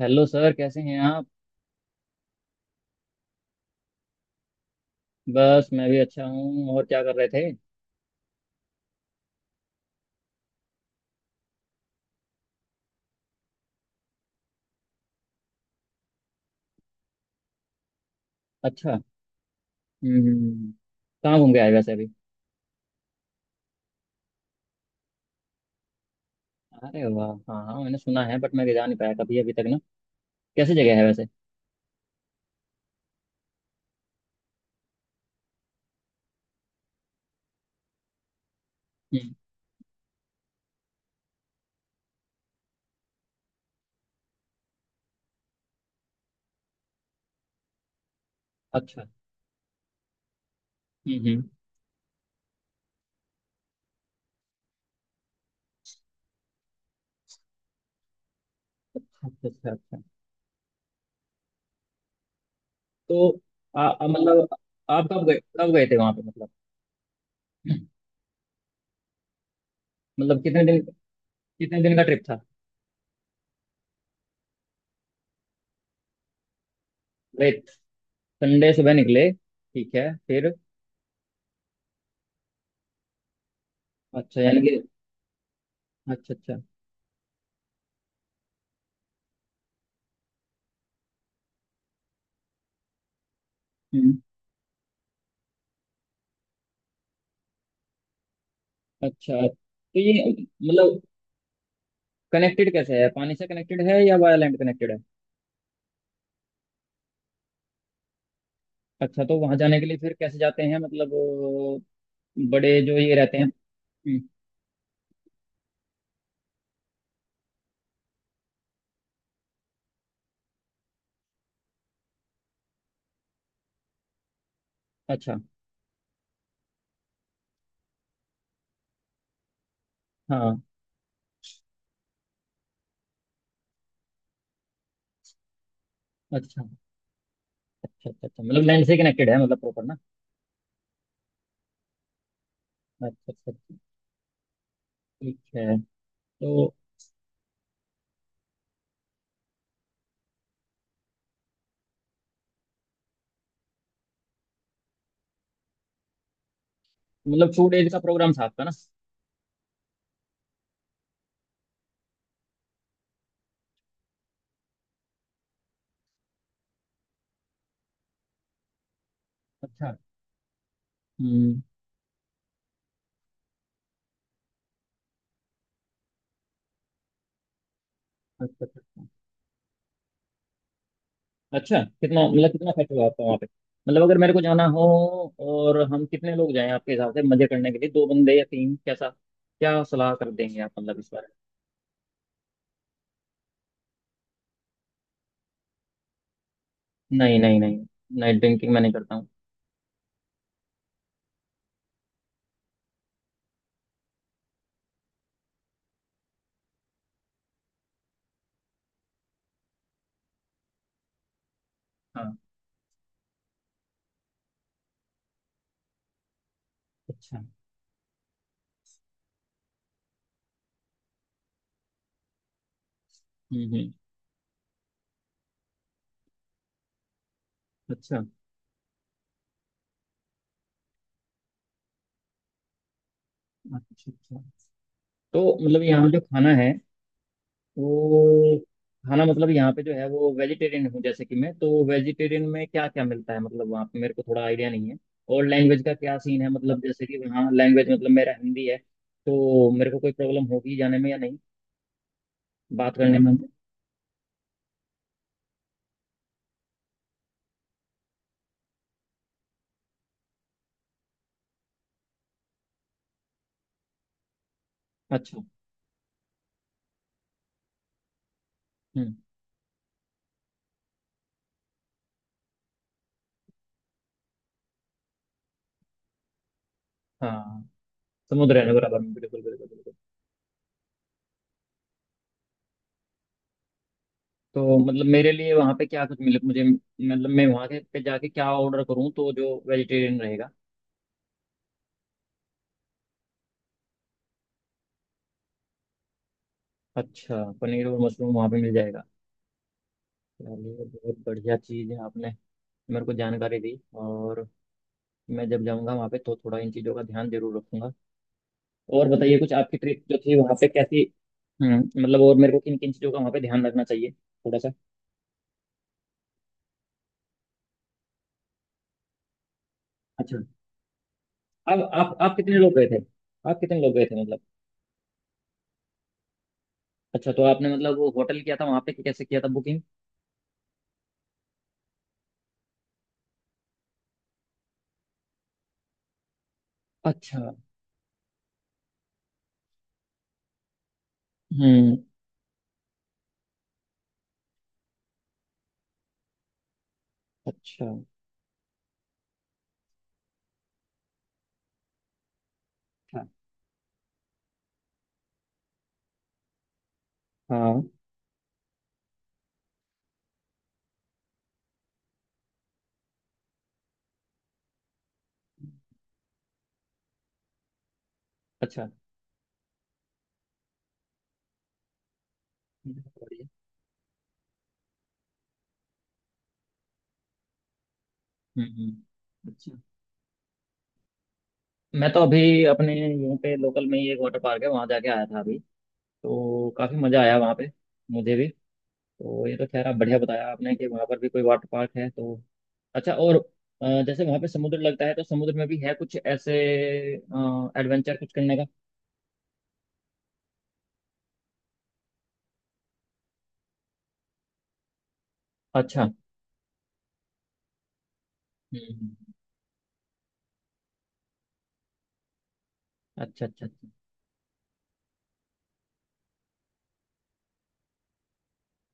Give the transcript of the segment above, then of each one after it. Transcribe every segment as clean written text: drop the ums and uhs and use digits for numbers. Hello sir, कैसे हैं आप? बस, मैं भी अच्छा हूँ। और क्या कर रहे थे? अच्छा। हम्म। कहाँ घूम के आए वैसे अभी? अरे वाह, हाँ हाँ, मैंने सुना है। बट मैं जा नहीं पाया कभी अभी तक ना। कैसी जगह है वैसे? हम्म। अच्छा। हम्म। अच्छा अच्छा अच्छा तो, आ, आ, मतलब आप कब गए, कब गए थे वहाँ पे मतलब? मतलब कितने दिन, कितने दिन का ट्रिप था? गए। संडे सुबह निकले, ठीक है। फिर? अच्छा, यानी कि। अच्छा अच्छा। हम्म। अच्छा तो ये मतलब कनेक्टेड कैसे है? पानी से कनेक्टेड है या वाया लैंड कनेक्टेड है? अच्छा, तो वहां जाने के लिए फिर कैसे जाते हैं मतलब बड़े जो ये रहते हैं? हम्म। अच्छा, हाँ। अच्छा अच्छा अच्छा। अच्छा, मतलब लैंड से कनेक्टेड है मतलब प्रॉपर ना? अच्छा अच्छा अच्छा। ठीक है। तो मतलब 2 डेज का प्रोग्राम था आपका ना? अच्छा। हम्म। अच्छा अच्छा अच्छा। अच्छा, कितना मतलब कितना खर्च हुआ आपका वहाँ पे? मतलब अगर मेरे को जाना हो, और हम कितने लोग जाएं आपके हिसाब से मजे करने के लिए, दो बंदे या तीन, कैसा, क्या सलाह कर देंगे आप मतलब इस बारे में? नहीं नहीं नहीं। नाइट ड्रिंकिंग मैं नहीं करता हूँ। हाँ। अच्छा। हम्म हम्म। अच्छा अच्छा अच्छा। तो मतलब यहाँ जो खाना है वो, खाना मतलब यहाँ पे जो है वो, वेजिटेरियन हूँ जैसे कि मैं, तो वेजिटेरियन में क्या क्या मिलता है मतलब वहाँ पे, मेरे को थोड़ा आइडिया नहीं है। और लैंग्वेज का क्या सीन है मतलब, जैसे कि वहाँ लैंग्वेज मतलब मेरा हिंदी है, तो मेरे को कोई प्रॉब्लम होगी जाने में या नहीं, बात करने में? अच्छा। हम्म। हाँ। समुद्र है ना बराबर में, बिल्कुल बिल्कुल बिल्कुल। तो मतलब मेरे लिए वहाँ पे क्या कुछ मिले मुझे मतलब, मैं वहाँ के पे जाके क्या ऑर्डर करूँ तो जो वेजिटेरियन रहेगा? अच्छा, पनीर और मशरूम वहाँ पे मिल जाएगा? चलिए, बहुत बढ़िया चीज़ है, आपने मेरे को जानकारी दी। और मैं जब जाऊँगा वहाँ पे तो थोड़ा इन चीज़ों का ध्यान जरूर रखूंगा। और बताइए कुछ, आपकी ट्रिप जो थी वहाँ पे कैसी? हम्म। मतलब, और मेरे को किन किन चीज़ों का वहाँ पे ध्यान रखना चाहिए थोड़ा सा? अच्छा। अब आप कितने लोग गए थे? आप कितने लोग गए थे मतलब? अच्छा तो आपने मतलब वो होटल किया था वहाँ पे, कि कैसे किया था बुकिंग? अच्छा। हम्म। अच्छा। हाँ हाँ। अच्छा, बढ़िया। अच्छा। मैं तो अभी अपने यहीं पे लोकल में ही एक वाटर पार्क है, वहाँ जाके आया था अभी। तो काफ़ी मज़ा आया वहाँ पे मुझे भी। तो ये तो खैर आप बढ़िया बताया आपने कि वहाँ पर भी कोई वाटर पार्क है तो। अच्छा, और जैसे वहाँ पे समुद्र लगता है तो समुद्र में भी है कुछ ऐसे एडवेंचर कुछ करने का? अच्छा। हम्म। अच्छा अच्छा अच्छा।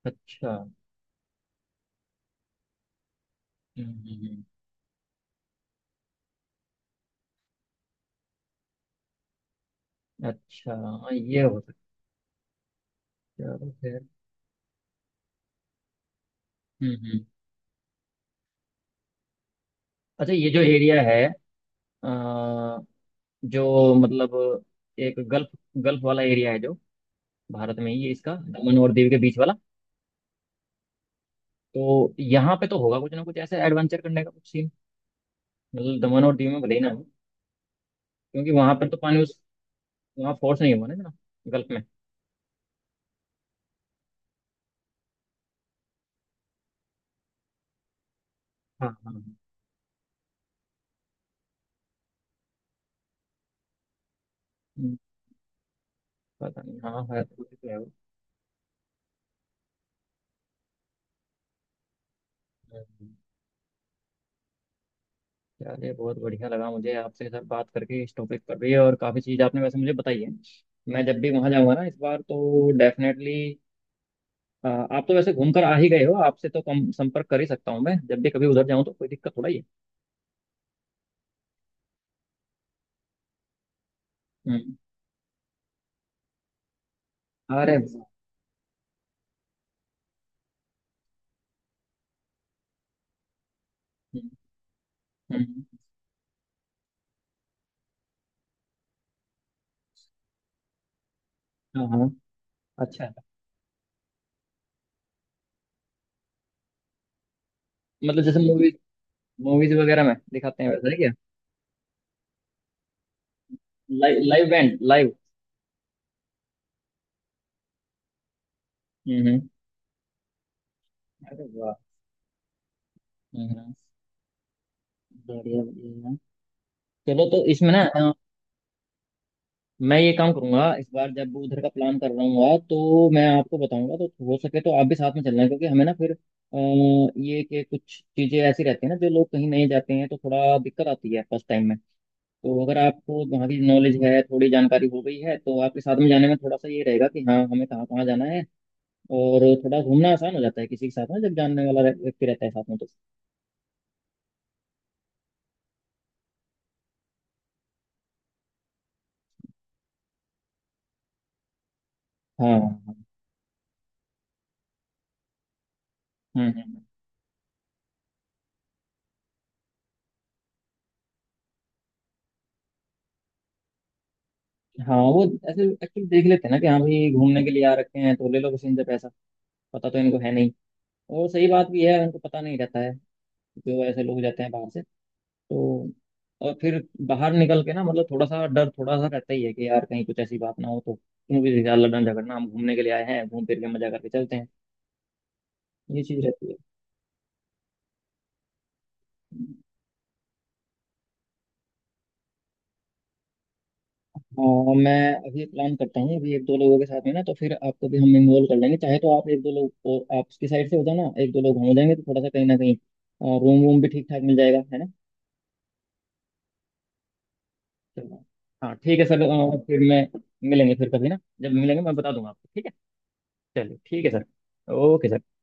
अच्छा। हम्म। हम्म। अच्छा, हाँ, ये हो सकता है। चलो खैर। हम्म। अच्छा, ये जो एरिया है, अ, जो मतलब एक गल्फ, गल्फ वाला एरिया है जो भारत में ही है इसका, दमन और दीव के बीच वाला। तो यहाँ पे तो होगा कुछ ना कुछ ऐसे एडवेंचर करने का कुछ सीन, मतलब दमन और दीव में भले ही ना हो। क्योंकि वहां पर तो पानी उस, वहाँ फोर्स नहीं हुआ ना इतना, गल्फ में। हाँ हाँ हाँ। हम्म। पता नहीं, हाँ है वो, तो है वो। हम्म। चलिए, बहुत बढ़िया लगा मुझे आपसे सर बात करके इस टॉपिक पर भी, और काफ़ी चीज़ आपने वैसे मुझे बताई है। मैं जब भी वहाँ जाऊँगा ना इस बार, तो डेफिनेटली। आप तो वैसे घूमकर आ ही गए हो, आपसे तो कम संपर्क कर ही सकता हूँ मैं जब भी कभी उधर जाऊँ, तो कोई दिक्कत थोड़ा ही है। हम्म। अरे वाह। हम्म। हम्म। हाँ हाँ। अच्छा। मतलब जैसे मूवीज मूवीज वगैरह में दिखाते हैं वैसा है क्या? Live, live band, live. हम्म। अरे वाह। हम्म। हम्म। बढ़िया बढ़िया। चलो तो इसमें ना, मैं ये काम करूंगा, इस बार जब उधर का प्लान कर रहा हूँ तो मैं आपको बताऊंगा, तो हो सके तो आप भी साथ में चलना है। क्योंकि हमें ना फिर ये कि कुछ चीजें ऐसी रहती है ना, जो लोग कहीं नहीं जाते हैं तो थोड़ा दिक्कत आती है फर्स्ट टाइम में। तो अगर आपको वहाँ की नॉलेज है, थोड़ी जानकारी हो गई है, तो आपके साथ में जाने में थोड़ा सा ये रहेगा कि हाँ, हमें कहाँ कहाँ जाना है। और थोड़ा घूमना आसान हो जाता है किसी के साथ में जब जानने वाला व्यक्ति रहता है साथ में तो। हाँ। हम्म। हाँ, वो ऐसे एक्चुअली देख लेते हैं ना कि हाँ भाई, घूमने के लिए आ रखे हैं तो ले लो किसी, इनसे पैसा। पता तो इनको है नहीं। और सही बात भी है, उनको पता नहीं रहता है। जो ऐसे लोग जाते हैं बाहर से। तो। और फिर, बाहर निकल के ना मतलब थोड़ा सा डर थोड़ा सा रहता ही है कि यार कहीं कुछ ऐसी बात ना हो तो। क्योंकि यार, लड़ना झगड़ना, हम घूमने के लिए आए हैं, घूम फिर के मजा करके चलते हैं। ये चीज रहती है। और मैं अभी प्लान करता हूँ, अभी एक दो लोगों के साथ में ना, तो फिर आपको भी हम इन्वॉल्व कर लेंगे। चाहे तो आप एक दो लोग, और आपकी साइड से हो जाना एक दो लोग, हम हो जाएंगे तो थोड़ा सा कहीं ना कहीं रूम वूम भी ठीक ठाक मिल जाएगा, है ना? चलो। हाँ ठीक है सर, फिर मैं मिलेंगे फिर कभी ना, जब मिलेंगे मैं बता दूंगा आपको, ठीक है? चलिए, ठीक है सर, ओके सर।